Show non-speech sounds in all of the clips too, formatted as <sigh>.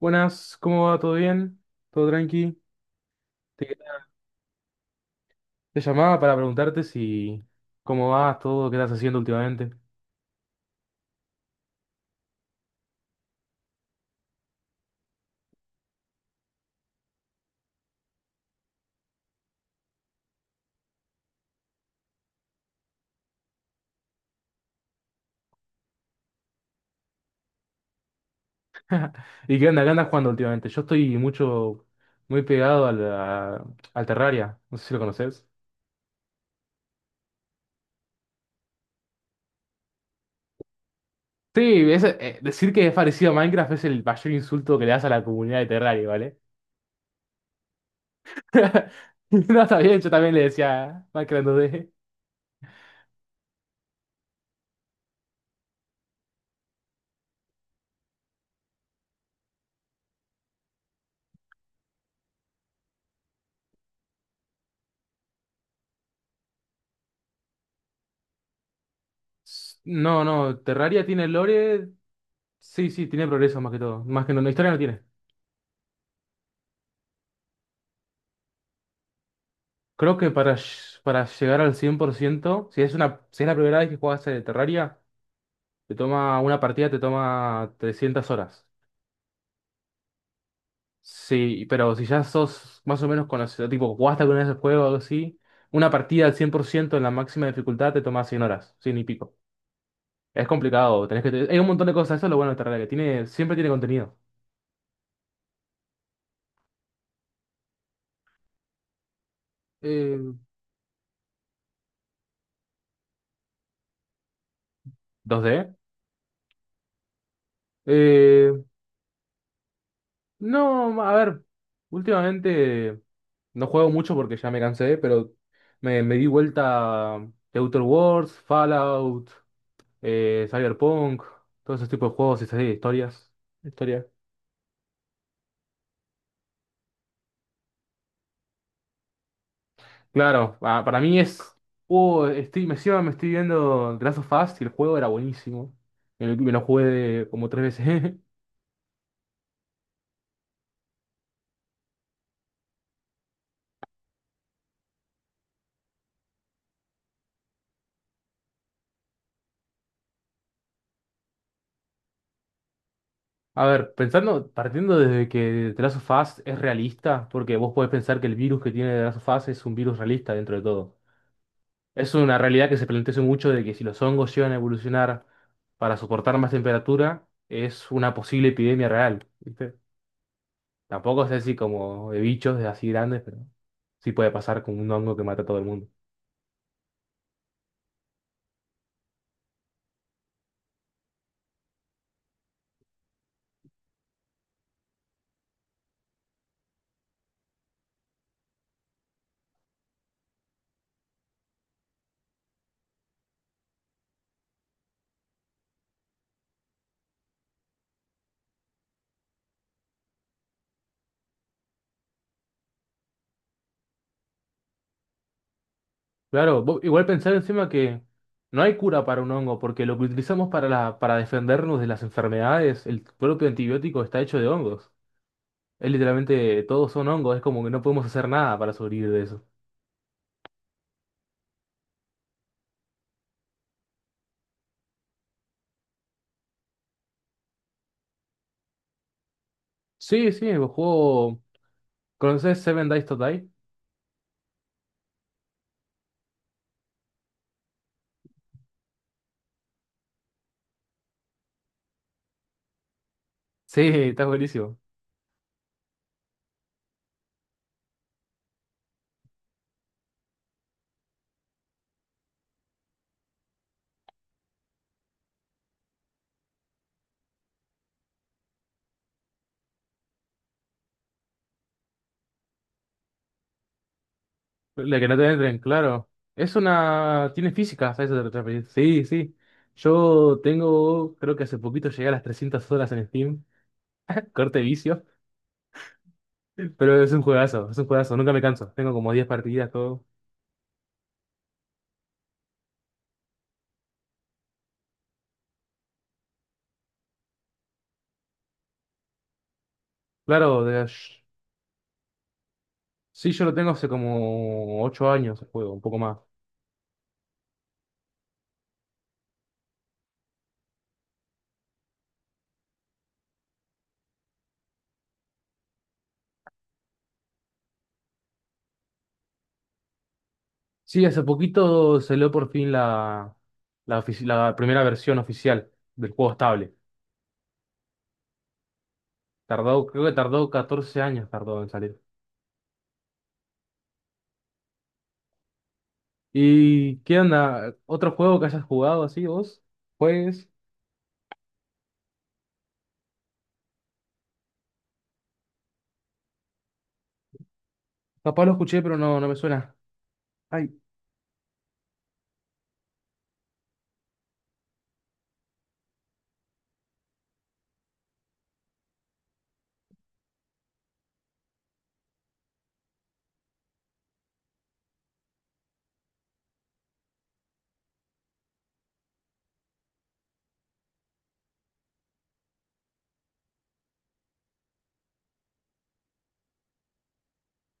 Buenas, ¿cómo va? ¿Todo bien? ¿Todo tranqui? Te, quería- Te llamaba para preguntarte si cómo vas, todo, qué estás haciendo últimamente. <laughs> ¿Y qué onda? ¿Qué andas jugando últimamente? Yo estoy muy pegado al Terraria. No sé si lo conoces. Sí, decir que es parecido a Minecraft es el mayor insulto que le das a la comunidad de Terraria, ¿vale? <laughs> No, está bien, yo también le decía Minecraft 2D. No, no, Terraria tiene lore. Sí, sí, tiene progreso más que todo. Más que no, no, historia no tiene. Creo que para llegar al 100% si si es la primera vez que juegas Terraria, te toma una partida te toma 300 horas. Sí, pero si ya sos más o menos conocido, tipo, jugaste alguna vez el juego o algo así, una partida al 100% en la máxima dificultad te toma 100 horas, 100 y pico. Es complicado, tenés que... Hay un montón de cosas, eso es lo bueno de Terraria, que tiene, siempre tiene contenido. Eh, ¿2D? No, a ver, últimamente no juego mucho porque ya me cansé, pero me di vuelta de Outer Worlds, Fallout, Cyberpunk, todos esos tipos de juegos y esas historias. Historia. Claro, para mí es. Me encima me estoy viendo The Last of Us y el juego era buenísimo. Me lo jugué como tres veces. <laughs> A ver, pensando, partiendo desde que The Last of Us es realista, porque vos podés pensar que el virus que tiene The Last of Us es un virus realista dentro de todo. Es una realidad que se plantea hace mucho de que si los hongos llegan a evolucionar para soportar más temperatura, es una posible epidemia real, ¿viste? Tampoco es así como de bichos de así grandes, pero sí puede pasar con un hongo que mata a todo el mundo. Claro, igual pensar encima que no hay cura para un hongo, porque lo que utilizamos para defendernos de las enfermedades, el propio antibiótico está hecho de hongos. Es literalmente, todos son hongos, es como que no podemos hacer nada para sobrevivir de eso. Sí, sí, el juego... ¿Conoces Seven Days to Die? Sí, está buenísimo. La que no te entren, claro. Es una... Tiene física, ¿sabes? Eso otra peli. Sí, sí. Yo tengo, creo que hace poquito llegué a las 300 horas en Steam. <laughs> Corte vicio. Pero es un juegazo, es un juegazo. Nunca me canso. Tengo como 10 partidas, todo. Claro, de... sí, yo lo tengo hace como 8 años el juego, un poco más. Sí, hace poquito salió por fin la la primera versión oficial del juego estable. Tardó, creo que tardó 14 años tardó en salir. ¿Y qué onda? ¿Otro juego que hayas jugado así vos? Pues, capaz lo escuché, pero no, no me suena. Ay,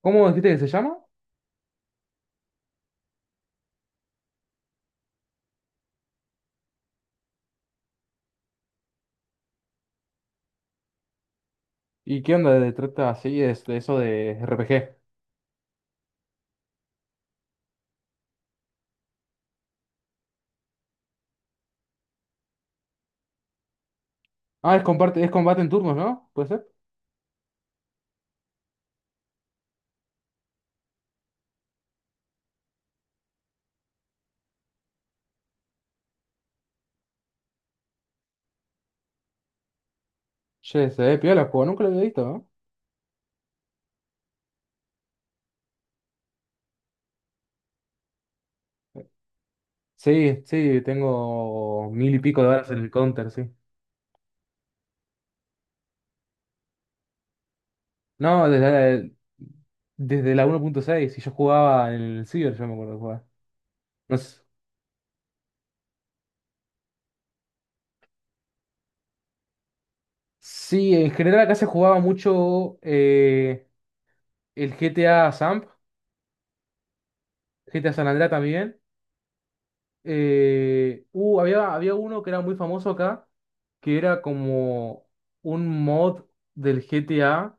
¿cómo dijiste que se llama? ¿Y qué onda de trata así es de eso de RPG? Ah, es comparte, es combate en turnos, ¿no? ¿Puede ser? Che, se ve piola el juego, nunca lo había visto, ¿no? Sí, sí, tengo mil y pico de horas en el Counter, sí. No, desde la 1.6, y yo jugaba en el Ciber, yo me acuerdo de jugar. No sé. Sí, en general acá se jugaba mucho. El GTA Samp, GTA San Andreas también. Había uno que era muy famoso acá, que era como un mod del GTA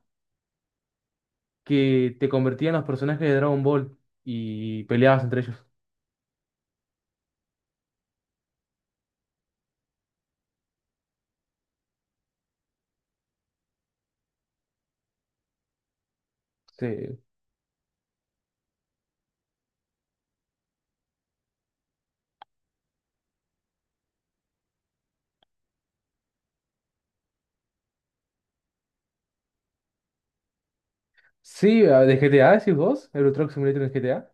que te convertía en los personajes de Dragon Ball y peleabas entre ellos. Sí, sí, ah, de GTA, decís vos, Euro Truck Simulator en GTA.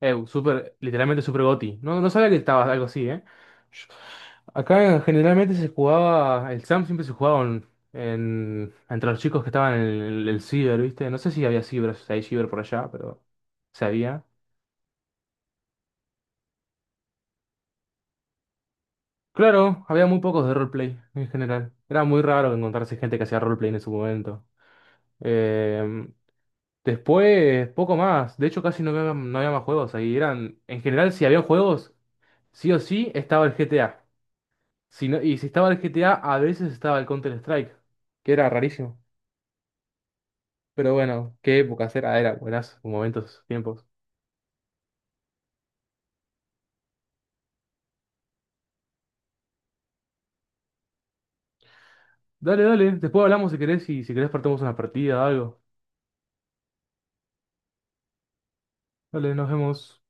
Super, literalmente Super GOTY. No, no sabía que estaba algo así, ¿eh? Acá generalmente se jugaba, el SAM siempre se jugaba entre los chicos que estaban en el ciber, ¿viste? No sé si había ciber, si hay ciber por allá, pero se había. Claro, había muy pocos de roleplay en general. Era muy raro encontrarse gente que hacía roleplay en su momento. Eh, Después, poco más. De hecho, casi no había, no había más juegos ahí. Eran, en general, si había juegos, sí o sí estaba el GTA. Si y si estaba el GTA, a veces estaba el Counter-Strike, que era rarísimo. Pero bueno, qué época era, era buenas momentos, tiempos. Dale, dale, después hablamos si querés y si querés partamos una partida, o algo. Dale, nos vemos.